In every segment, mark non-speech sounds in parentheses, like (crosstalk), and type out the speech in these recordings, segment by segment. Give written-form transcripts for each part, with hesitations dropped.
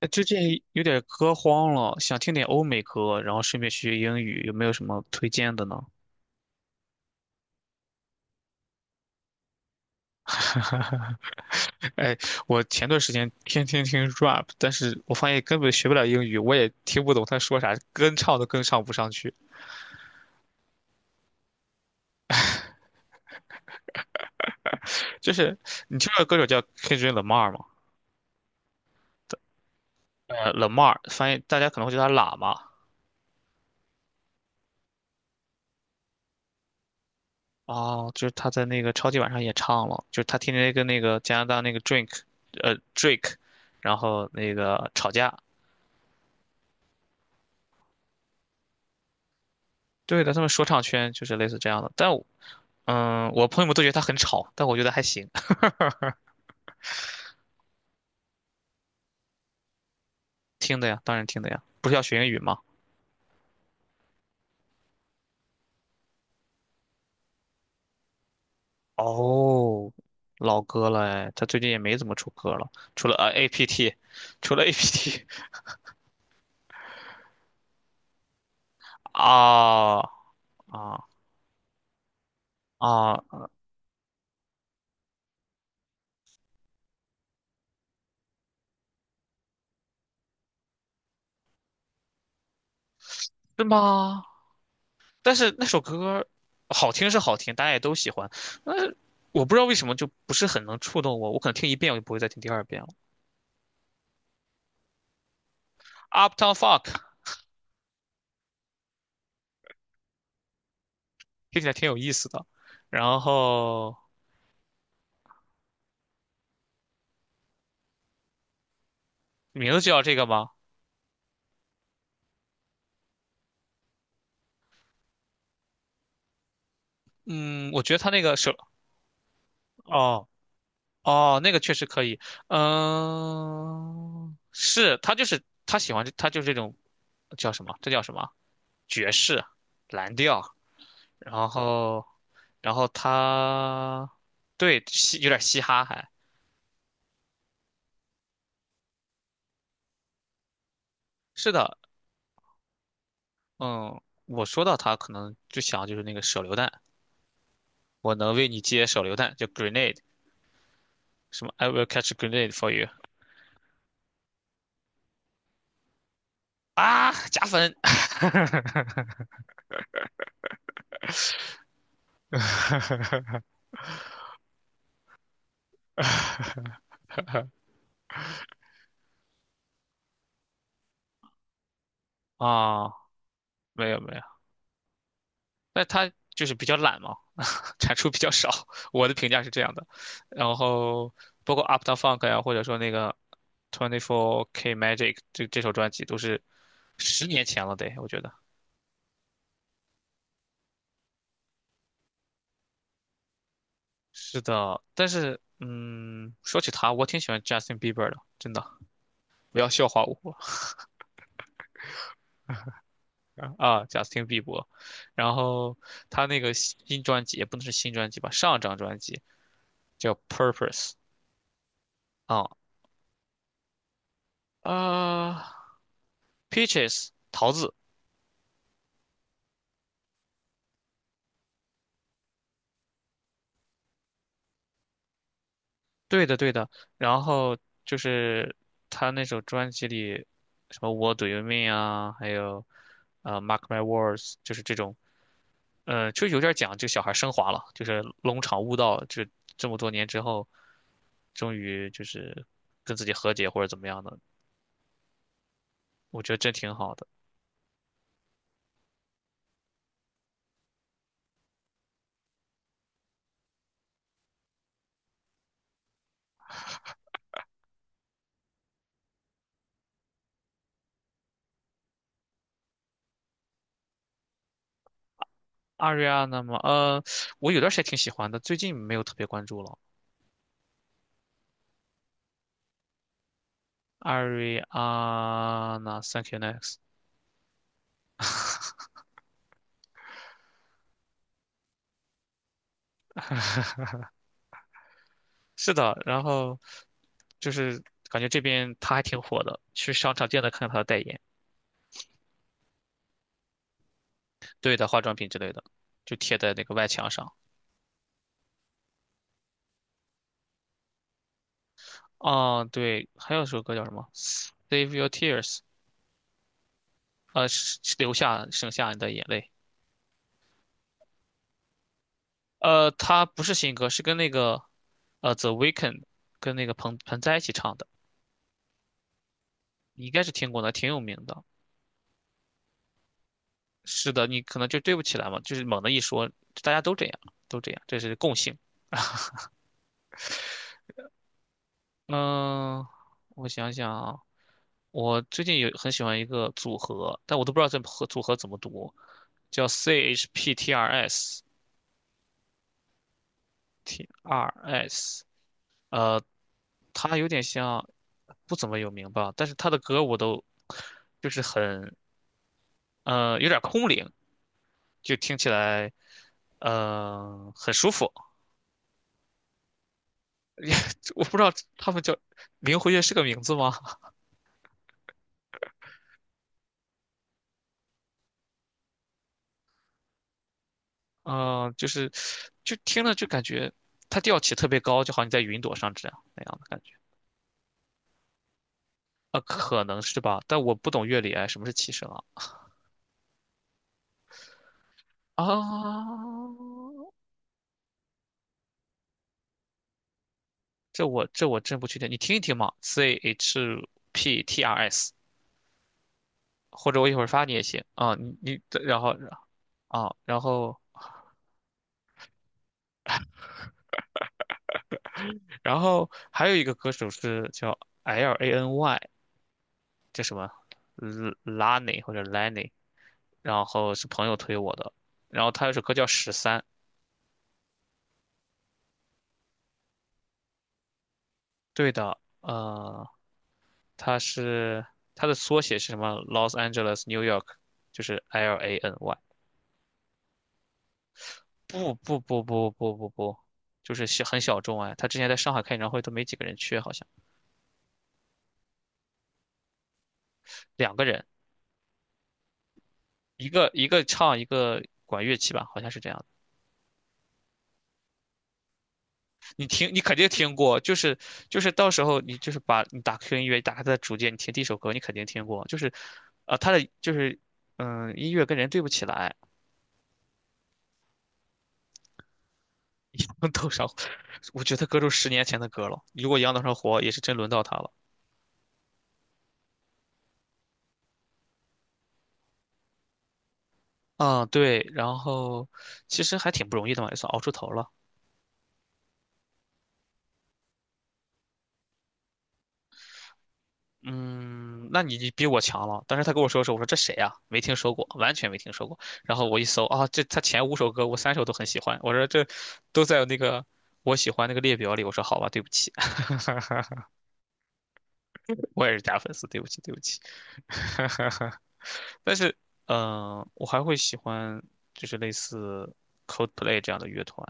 哎，最近有点歌荒了，想听点欧美歌，然后顺便学学英语，有没有什么推荐的呢？(laughs) 哎，我前段时间天天听 rap，但是我发现根本学不了英语，我也听不懂他说啥，跟唱都跟唱不上去。就是你听道歌手叫 Kendrick Lamar 吗？Lamar，发现大家可能会叫他喇嘛。哦，就是他在那个超级碗上也唱了，就是他天天跟那个加拿大那个 Drink，Drake，然后那个吵架。对的，他们说唱圈就是类似这样的，但我朋友们都觉得他很吵，但我觉得还行。(laughs) 听的呀，当然听的呀，不是要学英语吗？哦，老歌了哎，他最近也没怎么出歌了，除了APT，除了 APT。 (laughs) 啊啊啊，是吗？但是那首歌好听是好听，大家也都喜欢，那我不知道为什么就不是很能触动我，我可能听一遍我就不会再听第二遍了。Uptown Funk 听起来挺有意思的，然后名字就叫这个吗？嗯，我觉得他那个首。哦哦，那个确实可以。嗯，是他就是他喜欢这他就是这种叫什么？这叫什么？爵士、蓝调，然后然后他对嘻有点嘻哈还，是的。嗯，我说到他可能就想就是那个手榴弹，我能为你接手榴弹，叫 grenade，什么 I will catch a grenade for you， 啊，加分。(laughs) 啊，没有没有，那他就是比较懒嘛，产出比较少，我的评价是这样的。然后包括 u p t o w Funk 呀、或者说那个 Twenty Four K Magic 这首专辑都是10年前了得，我觉得是的。但是说起他，我挺喜欢 Justin Bieber 的，真的。不要笑话我啊，Justin Bieber。比伯然后他那个新专辑也不能是新专辑吧，上张专辑叫《Purpose》。啊啊，Peaches 桃子，对的，对的。然后就是他那首专辑里，什么《What Do You Mean》啊，还有Mark My Words》，就是这种。就有点讲这个小孩升华了，就是龙场悟道，就这么多年之后，终于就是跟自己和解或者怎么样的，我觉得这挺好的。Ariana 嘛，我有段时间挺喜欢的，最近没有特别关注了。Ariana，Thank you next。是的，然后。就是感觉这边他还挺火的，去商场见的看看他的代言。对的，化妆品之类的，就贴在那个外墙上。哦，对，还有一首歌叫什么？Save Your Tears。是留下省下你的眼泪。它不是新歌，是跟那个The Weeknd 跟那个彭彭栽一起唱的，你应该是听过的，挺有名的。是的，你可能就对不起来嘛，就是猛的一说，大家都这样，都这样，这是共性。嗯、我想想啊，我最近有很喜欢一个组合，但我都不知道这合组合怎么读，叫 CHPTRS TRS。呃，它有点像不怎么有名吧，但是它的歌我都就是很有点空灵，就听起来很舒服。我不知道他们叫灵活乐是个名字吗？(laughs) 嗯、就是就听了就感觉它调起特别高，就好像你在云朵上这样那样的感觉。啊，可能是吧，但我不懂乐理，哎，什么是七声啊？啊，这我这我真不确定，你听一听嘛，CHPTRS，或者我一会儿发你也行啊，你然后啊、然后然后还有一个歌手是叫 L A N Y，叫什么 Lany 或者 Lany，然后是朋友推我的，然后他有首歌叫《十三》。对的，它是它的缩写是什么？Los Angeles New York，就是 L A N Y。不不不不不不不，就是小很小众哎。他之前在上海开演唱会都没几个人去，好像两个人，一个一个唱，一个管乐器吧，好像是这样的。你听，你肯定听过，就是到时候你就是把你打 q 音乐，打开他的主页，你听第一首歌，你肯定听过，就是啊、他的就是音乐跟人对不起来。(laughs) 多上，我觉得歌都十年前的歌了，如果杨德昌活，也是真轮到他了。嗯，对，然后其实还挺不容易的嘛，也算熬出头了。嗯，那你比我强了。当时他跟我说的时候，我说这谁呀、没听说过，完全没听说过。然后我一搜啊，这他前五首歌我三首都很喜欢，我说这都在那个我喜欢那个列表里。我说好吧，对不起。(laughs) 我也是假粉丝，对不起，对不起。(laughs) 但是，我还会喜欢就是类似 Coldplay 这样的乐团。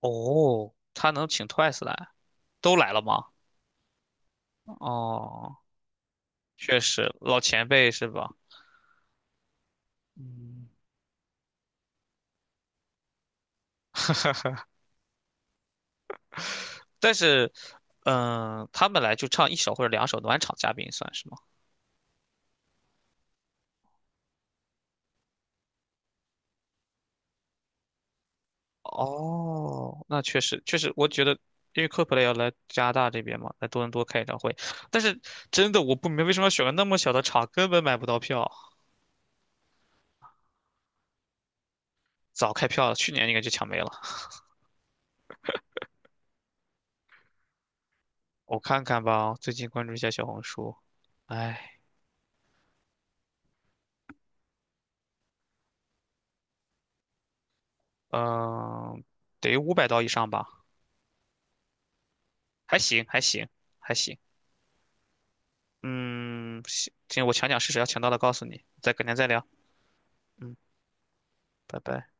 哦，他能请 Twice 来，都来了吗？哦。确实老前辈是吧？嗯，但是，他们来就唱一首或者两首暖场嘉宾算是吗？哦，那确实确实，我觉得因为 c o l p l a y 要来加拿大这边嘛，来多伦多开演唱会，但是真的我不明白为什么要选个那么小的场，根本买不到票。早开票了，去年应该就抢没了。我看看吧，最近关注一下小红书，哎，嗯、得500刀以上吧，还行还行还行。嗯，行，行，我抢抢试试，要抢到了告诉你，再改天再聊。嗯，拜拜。